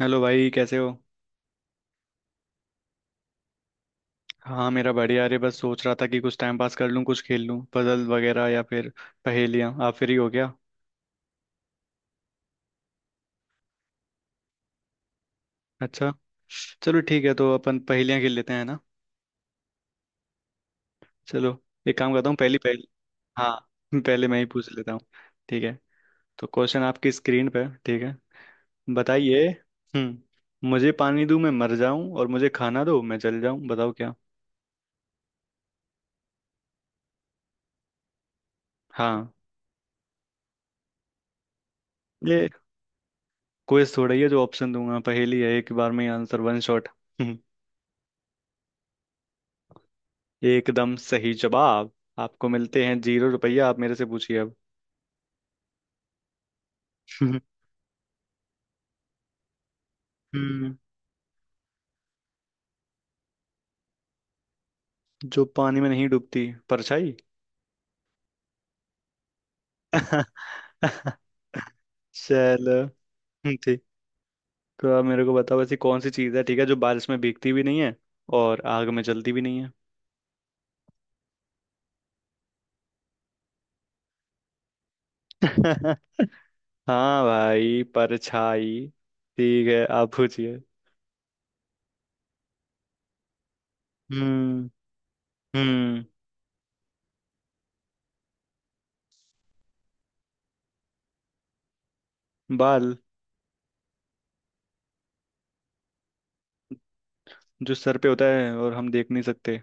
Hello भाई, कैसे हो। हाँ, मेरा बढ़िया। अरे बस सोच रहा था कि कुछ टाइम पास कर लूँ, कुछ खेल लूँ, पजल वगैरह या फिर पहेलियाँ। आप फ्री हो गया? अच्छा। चलो ठीक है, तो अपन पहेलियाँ खेल लेते हैं ना। चलो, एक काम करता हूँ, पहली पहेली। हाँ। पहले मैं ही पूछ लेता हूँ। ठीक है। तो क्वेश्चन आपकी स्क्रीन पे है, ठीक है। बताइए। मुझे पानी दूँ मैं मर जाऊँ, और मुझे खाना दो मैं जल जाऊँ। बताओ क्या। हाँ। ये क्वेश्चन थोड़ा ही है, जो ऑप्शन दूंगा। पहेली है, एक बार में ही आंसर, वन शॉट। एकदम सही जवाब। आपको मिलते हैं 0 रुपया। आप मेरे से पूछिए अब। हम्म जो पानी में नहीं डूबती, परछाई। चलो। ठीक। तो आप मेरे को बताओ, ऐसी कौन सी चीज़ है, ठीक है, जो बारिश में भीगती भी नहीं है और आग में जलती भी नहीं है। हाँ भाई, परछाई। ठीक है, आप पूछिए। हम्म। हम्म। बाल। जो सर पे होता है और हम देख नहीं सकते।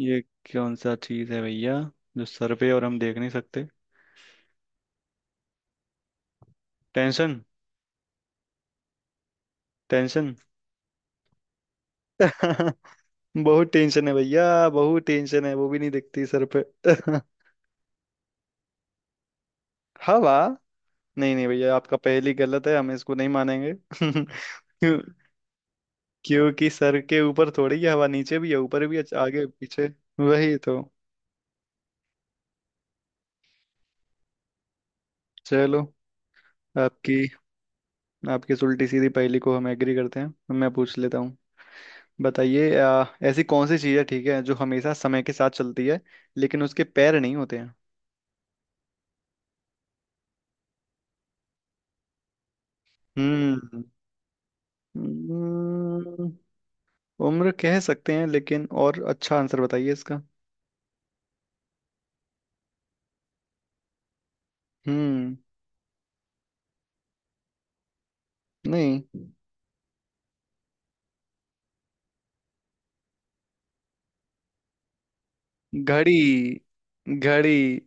ये कौन सा चीज है भैया? जो सर पे और हम देख नहीं सकते। टेंशन। टेंशन। बहुत टेंशन है भैया, बहुत टेंशन है, वो भी नहीं दिखती सर पे। हवा। नहीं नहीं भैया, आपका पहली गलत है, हम इसको नहीं मानेंगे। क्यों? क्योंकि सर के ऊपर थोड़ी है हवा, नीचे भी है, ऊपर भी है, आगे पीछे। वही तो। चलो। आपकी आपकी इस उल्टी सीधी पहेली को हम एग्री करते हैं, मैं पूछ लेता हूँ। बताइए, ऐसी कौन सी चीज़ है, ठीक है, जो हमेशा समय के साथ चलती है लेकिन उसके पैर नहीं होते हैं। हम्म। हम्म, उम्र कह सकते हैं, लेकिन और अच्छा आंसर बताइए इसका। हम्म। नहीं। घड़ी। घड़ी।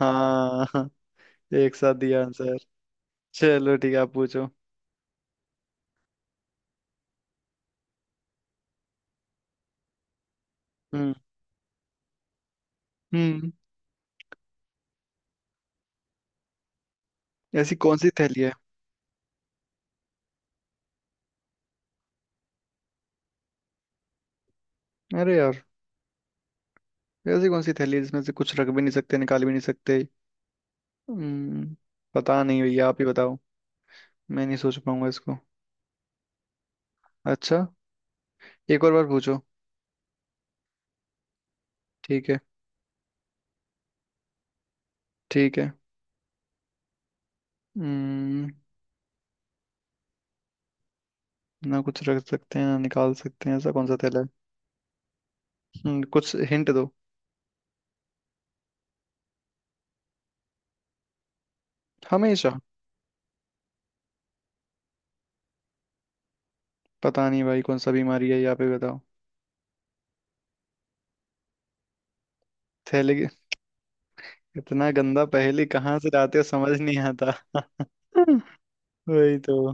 हाँ। एक साथ दिया आंसर। चलो ठीक है, आप पूछो। हम्म। हम्म ऐसी कौन सी थैली है? अरे यार। ऐसी कौन सी थैली है जिसमें से कुछ रख भी नहीं सकते, निकाल भी नहीं सकते? हम्म। पता नहीं भैया, आप ही बताओ। मैं नहीं सोच पाऊंगा इसको। अच्छा। एक और बार पूछो। ठीक है। ठीक है। हम्म, ना कुछ रख सकते हैं, ना निकाल सकते हैं, ऐसा कौन सा थैला है? कुछ हिंट दो। हमेशा। पता नहीं भाई, कौन सा बीमारी है यहाँ पे बताओ। थैले की- इतना गंदा पहेली कहाँ से लाते हो, समझ नहीं आता। वही तो।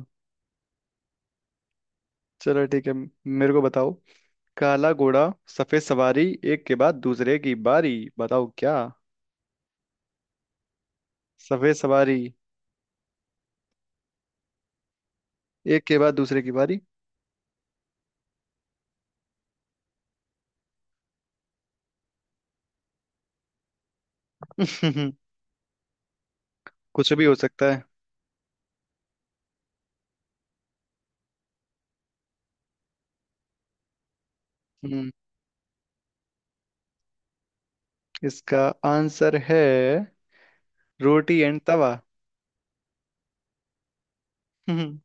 चलो ठीक है। मेरे को बताओ। काला घोड़ा, सफेद सवारी, एक के बाद दूसरे की बारी। बताओ क्या। सफेद सवारी। एक के बाद दूसरे की बारी। कुछ भी हो सकता है। इसका आंसर है, रोटी एंड तवा। हम्म,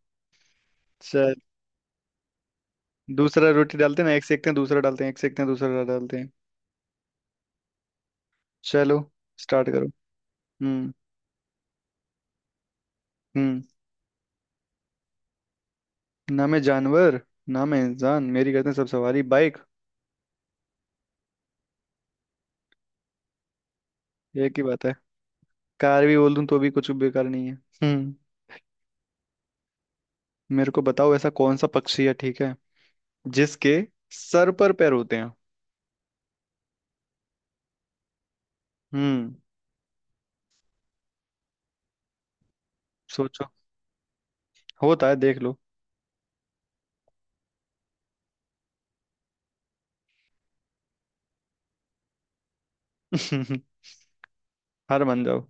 चल। दूसरा रोटी डालते हैं ना, एक सेकते हैं, दूसरा डालते हैं, एक सेकते हैं, दूसरा डालते हैं। चलो। स्टार्ट करो। हम्म। हम्म। ना मैं जानवर, ना मैं इंसान, मेरी करते हैं सब सवारी। बाइक। एक ही बात है। कार भी बोल दूं तो भी कुछ बेकार नहीं है। हम्म। मेरे को बताओ, ऐसा कौन सा पक्षी है, ठीक है, जिसके सर पर पैर होते हैं? हम्म। सोचो। होता है, देख लो। हार मान जाओ।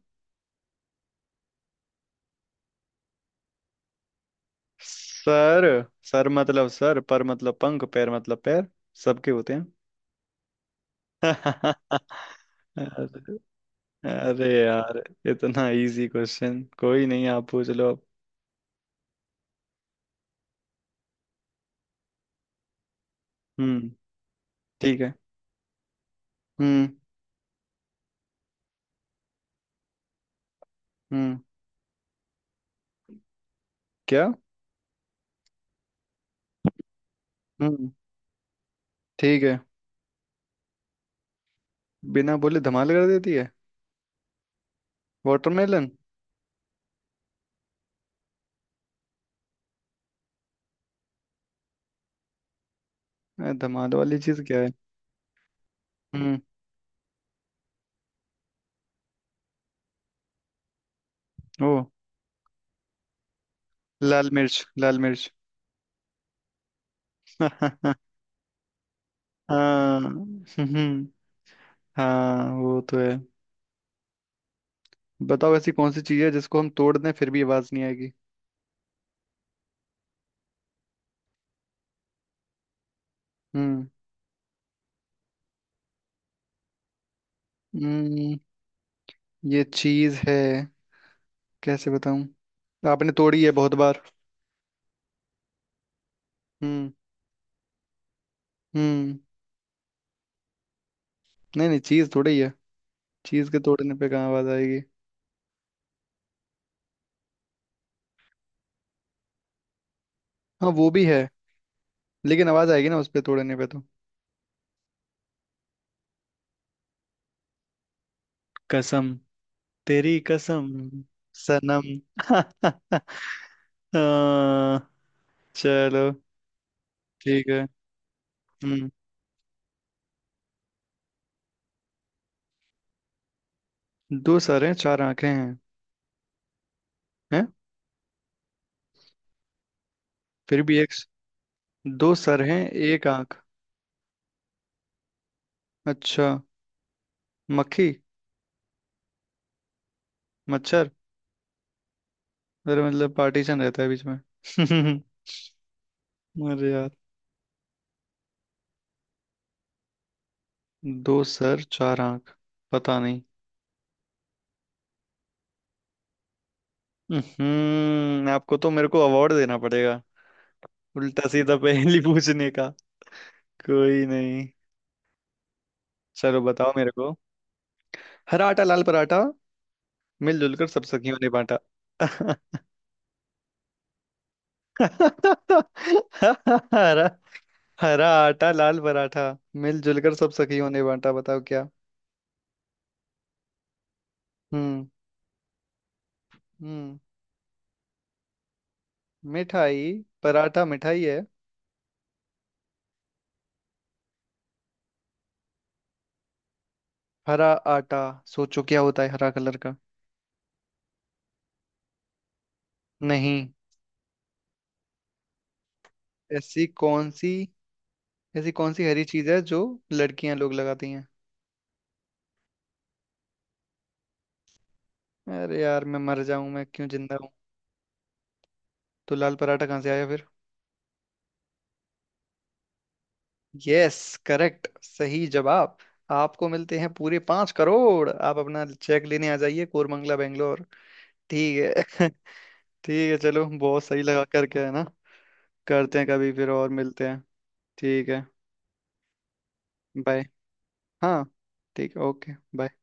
सर। सर मतलब सर, पर मतलब पंख, पैर मतलब पैर। सबके होते हैं। अरे। अरे यार। इतना इजी क्वेश्चन कोई नहीं। आप पूछ लो अब। हम्म। ठीक है। हम्म। हम्म। क्या? हम्म। ठीक है। बिना बोले धमाल कर देती है। वाटरमेलन। अरे, धमाल वाली चीज क्या है? हम्म। ओ। लाल मिर्च, लाल मिर्च। हाँ। हाँ, वो तो है। बताओ, ऐसी कौन सी चीज है जिसको हम तोड़ दें, फिर भी आवाज नहीं आएगी? हम्म। हम्म, ये चीज है, कैसे बताऊं? आपने तोड़ी है बहुत बार। हम्म। हम्म। नहीं नहीं, चीज तोड़ी है। चीज के तोड़ने पे कहाँ आवाज आएगी? हाँ, वो भी है। लेकिन आवाज आएगी ना, उस पे तोड़ने पे तो। कसम। तेरी कसम। सनम। आ, चलो ठीक है। हम्म। दो सर हैं, चार आंखें हैं, फिर भी एक। दो सर हैं, एक आंख। अच्छा। मक्खी। मच्छर। अरे मतलब पार्टीशन रहता है बीच में। अरे यार। दो सर, चार आंख। पता नहीं। आपको तो मेरे को अवार्ड देना पड़ेगा। उल्टा सीधा पहेली पूछने का। कोई नहीं। चलो बताओ मेरे को। हरा आटा, लाल पराठा, मिलजुल कर सब सखियों ने बांटा। हरा। हरा आटा, लाल पराठा, मिलजुल कर सब सखियों ने बांटा। बताओ क्या। हम्म। हम्म। मिठाई। पराठा मिठाई है? हरा आटा। सोचो क्या होता है हरा कलर का। नहीं। ऐसी कौन सी ऐसी कौन सी हरी चीज है जो लड़कियां लोग लगाती हैं? अरे यार, मैं मर जाऊं, मैं क्यों जिंदा हूं। तो लाल पराठा कहाँ से आया फिर? यस। करेक्ट, सही जवाब। आपको मिलते हैं पूरे 5 करोड़। आप अपना चेक लेने आ जाइए कोरमंगला, बेंगलोर। ठीक है। ठीक है चलो, बहुत सही लगा, करके है ना। करते हैं कभी फिर और मिलते हैं। ठीक है। बाय। हाँ। ठीक है, ओके, बाय।